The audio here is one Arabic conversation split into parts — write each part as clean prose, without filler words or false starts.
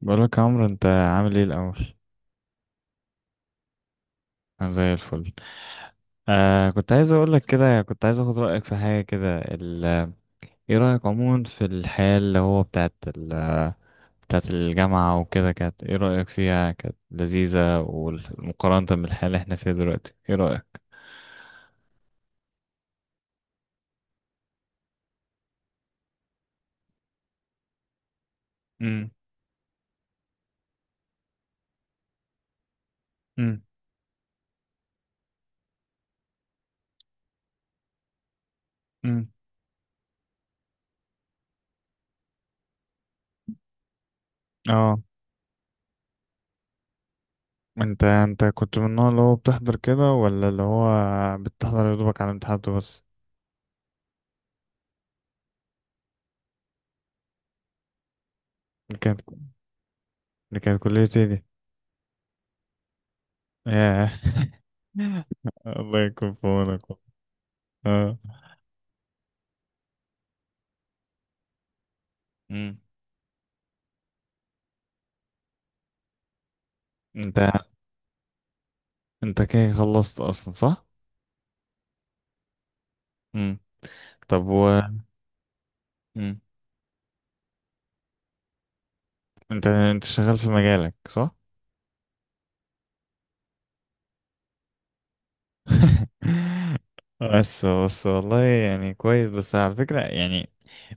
بقولك يا عمرو، انت عامل ايه الاول؟ انا زي الفل. كنت عايز اقولك كده، كنت عايز اخد رايك في حاجه كده ايه رايك عموما في الحياه اللي هو بتاعت بتاعت الجامعه وكده؟ كانت ايه رايك فيها؟ كانت لذيذه، والمقارنه بالحياه اللي احنا فيها دلوقتي، ايه رايك؟ امم. امم. امم. اه. انت كنت من النوع اللي هو بتحضر كده، ولا اللي هو بتحضر يا دوبك على امتحاناته بس؟ دي كانت دي كانت كليتي دي. ياه. الله يكون في عونك. اه. مم. انت انت كده خلصت اصلا، صح؟ مم. طب و... مم. انت شغال في مجالك، صح؟ بس والله يعني كويس، بس على فكرة يعني.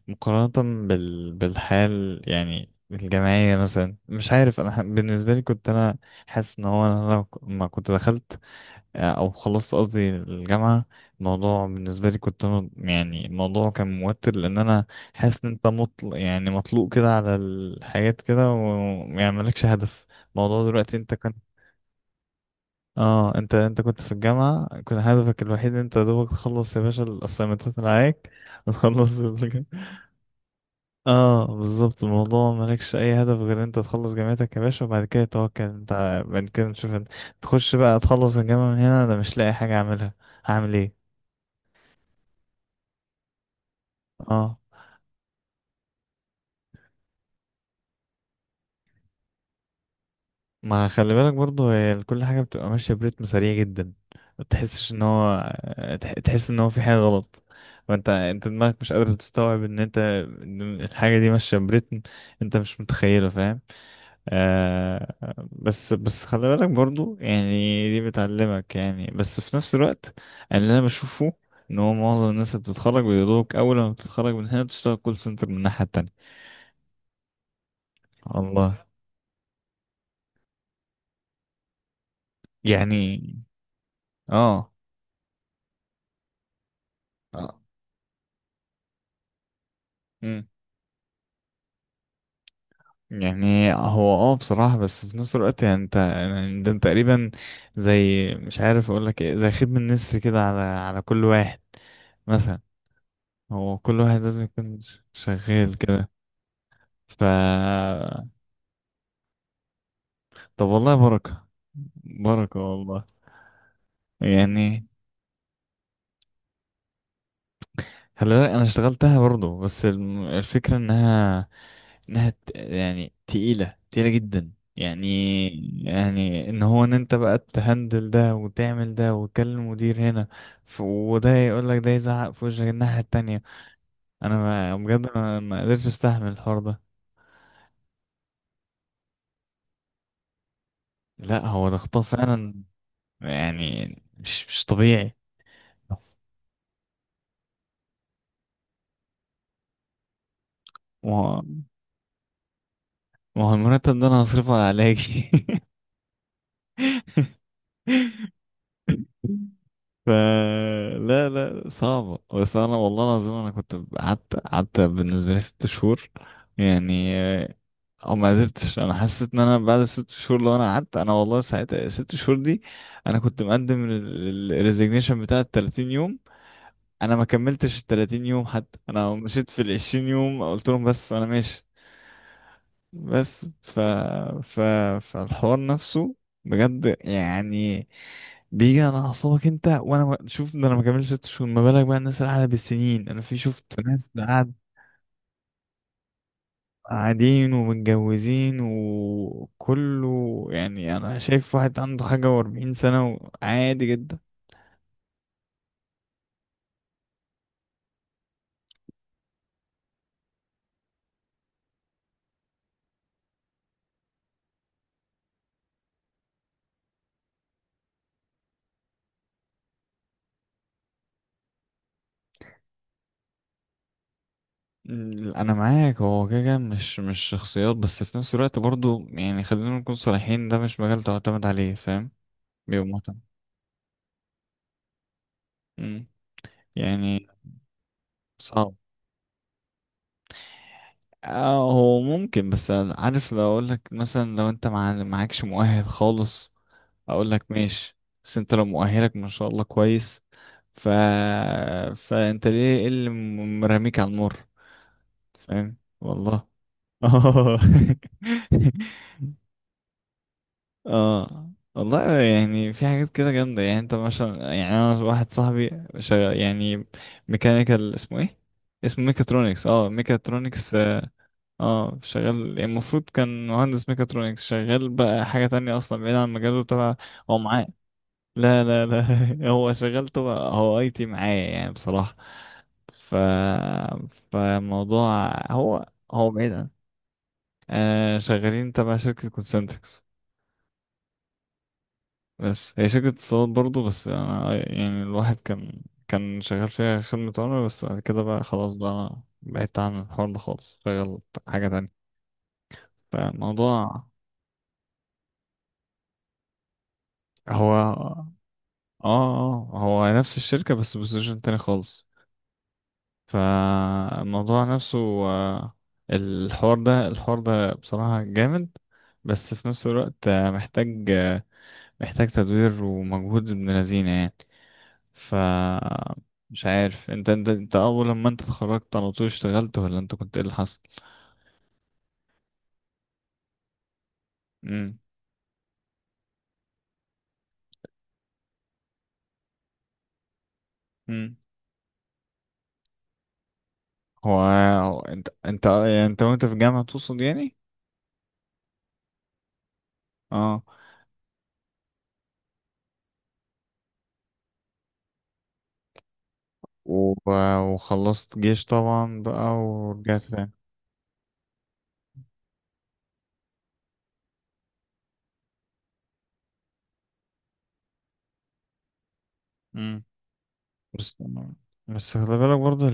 مقارنة بال... بالحال، يعني الجامعية مثلا، مش عارف أنا ح... بالنسبة لي كنت أنا حاسس إن هو أنا لو ما كنت دخلت، أو خلصت قصدي الجامعة. الموضوع بالنسبة لي كنت أنا، يعني الموضوع كان موتر، لأن أنا حاسس إن أنت مطل... يعني مطلوق كده على الحاجات كده، ويعني مالكش هدف. الموضوع دلوقتي أنت كان... اه، انت كنت في الجامعة، كان هدفك الوحيد إن انت دوبك تخلص يا باشا الاسايمنتات اللي عليك وتخلص. اه بالظبط، الموضوع مالكش اي هدف غير انت تخلص جامعتك يا باشا، وبعد كده توكل انت بعد كده نشوف انت تخش بقى تخلص الجامعة. من هنا انا مش لاقي حاجة اعملها، هعمل ايه؟ اه. ما خلي بالك برضو، هي كل حاجة بتبقى ماشية بريتم سريع جدا، ما تحسش ان هو تحس ان هو في حاجة غلط، وانت انت دماغك مش قادر تستوعب ان انت... إن الحاجة دي ماشية بريتم انت مش متخيله، فاهم؟ آه. بس خلي بالك برضو، يعني دي بتعلمك يعني، بس في نفس الوقت اللي انا بشوفه ان هو معظم الناس اللي بتتخرج بيقولوك اول ما بتتخرج من هنا بتشتغل كول سنتر من الناحية التانية. الله. يعني اه. اه. مم. يعني هو اه بصراحة، بس في نفس الوقت يعني انت يعني ده انت تقريبا زي... مش عارف اقول لك ايه، زي خدمة النسر كده على على كل واحد مثلا، هو كل واحد لازم يكون شغال كده. ف طب والله بركة، بركة والله يعني. خلي بالك انا اشتغلتها برضو، بس الفكرة انها يعني تقيلة تقيلة جدا يعني، يعني ان هو ان انت بقى تهندل ده وتعمل ده وتكلم المدير هنا، وده يقول لك ده، يزعق في وشك الناحية التانية. انا ما بجد انا ما قدرتش استحمل الحوار ده. لا هو ده خطاه فعلا يعني، مش طبيعي. بس ما هو، ما هو المرتب ده انا هصرفه على علاجي. ف لا صعبة، بس أنا والله العظيم أنا كنت قعدت بالنسبة لي ست شهور يعني، أو ما قدرتش، أنا حسيت إن أنا بعد ست شهور لو أنا قعدت، أنا والله ساعتها الست شهور دي أنا كنت مقدم الريزيجنيشن بتاع ال 30 يوم. أنا ما كملتش ال 30 يوم، حتى أنا مشيت في ال 20 يوم قلت لهم بس أنا ماشي. بس ف ف فالحوار نفسه بجد يعني بيجي على أعصابك أنت، وأنا شوف ده أنا ما كملش ست شهور، ما بالك بقى الناس اللي قاعدة بالسنين؟ أنا في شفت ناس قاعدين ومتجوزين وكله، يعني أنا شايف واحد عنده حاجة وأربعين سنة وعادي جدا. أنا معاك، هو كده كده مش شخصيات، بس في نفس الوقت برضو يعني خلينا نكون صريحين، ده مش مجال تعتمد عليه، فاهم؟ بيبقى معتمد. مم. يعني صعب. اه هو ممكن، بس عارف لو اقول لك مثلا لو انت معكش مؤهل خالص، اقول لك ماشي. بس انت لو مؤهلك ما شاء الله كويس، ف... فانت ليه، إيه اللي مرميك على النار؟ فاهم والله. اه. اه والله يعني في حاجات كده جامدة، يعني انت مثلا، يعني انا واحد صاحبي شغال يعني ميكانيكال، اسمه ايه، اسمه ميكاترونكس، اه ميكاترونكس، اه شغال يعني، المفروض كان مهندس ميكاترونكس، شغال بقى حاجة تانية اصلا بعيد عن مجاله تبع. هو معاه... لا، لا، لا. هو شغلته، هو اي تي معايا يعني بصراحة. ف فالموضوع هو... هو بعيد عن... آه شغالين تبع شركة كونسنتريكس، بس هي شركة اتصالات برضو، بس أنا يعني الواحد كان... كان شغال فيها خدمة عملاء، بس بعد كده بقى خلاص، بقى أنا بعدت عن الحوار ده خالص، شغال حاجة تانية. فالموضوع هو اه، هو نفس الشركة بس بوزيشن تاني خالص. فالموضوع نفسه، آه، الحوار ده، الحوار ده بصراحة جامد، بس في نفس الوقت محتاج، محتاج تدوير ومجهود ابن لذينة يعني. ف... مش عارف انت، انت اول لما انت اتخرجت على طول اشتغلت، ولا انت كنت ايه اللي حصل؟ امم. امم. هو هو انت، يعني انت وانت في الجامعة تقصد يعني؟ اه و... وخلصت جيش طبعا بقى ورجعت تاني. امم. بس بس خلي بالك برضه،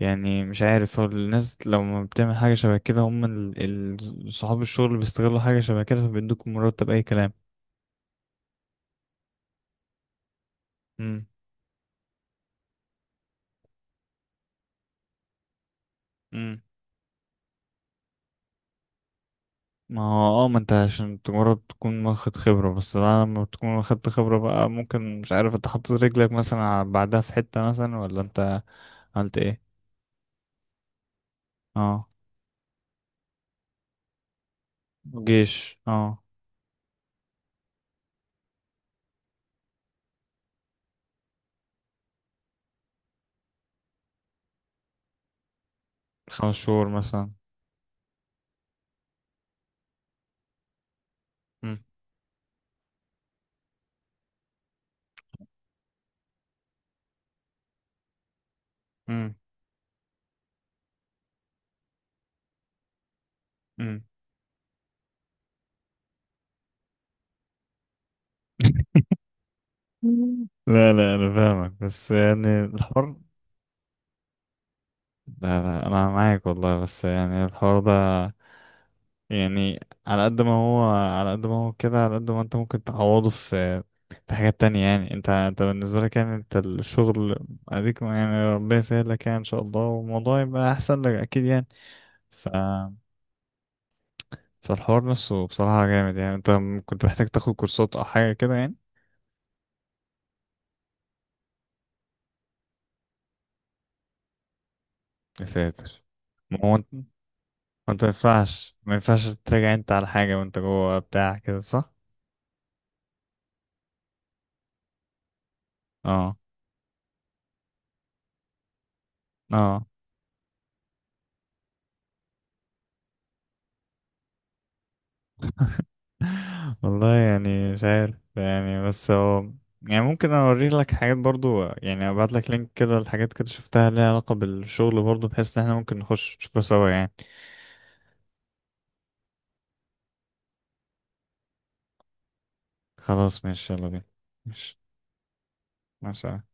يعني مش عارف هو الناس لما بتعمل حاجة شبه كده، هم ال... ال... صحاب الشغل بيستغلوا حاجة شبه كده، فبيدوك مرتب أي كلام. مم. امم. ما هو اه، ما انت عشان مجرد تكون واخد خبرة، بس بعد ما تكون واخدت خبرة بقى ممكن، مش عارف انت حطيت رجلك مثلا على- بعدها في حتة مثلا، ولا انت عملت ايه؟ اه جيش اه. خمس شهور مثلا. مم. امم. امم. لا انا فاهمك، بس يعني الحوار... لا انا معاك والله، بس يعني الحوار ده يعني، على قد ما هو، على قد ما هو كده، على قد ما انت ممكن تعوضه في حاجات تانية، يعني انت، بالنسبة لك يعني، انت الشغل اديك، يعني ربنا يسهل لك، يعني ان شاء الله والموضوع يبقى احسن لك اكيد يعني. ف فالحوار نفسه بصراحة جامد يعني، انت كنت محتاج تاخد كورسات او حاجة كده يعني. يا ساتر. ما هو انت، ما ينفعش، ما ينفعش تراجع انت على حاجة وانت جوه بتاع كده، صح؟ اه. اه والله يعني مش عارف يعني، بس هو يعني ممكن اوريك لك حاجات برضو يعني، ابعت لك لينك كده لحاجات كده شفتها ليها علاقة بالشغل برضو، بحيث ان احنا ممكن نخش نشوفها سوا يعني. خلاص ماشي، يلا بينا. ماشي. مع السلامة.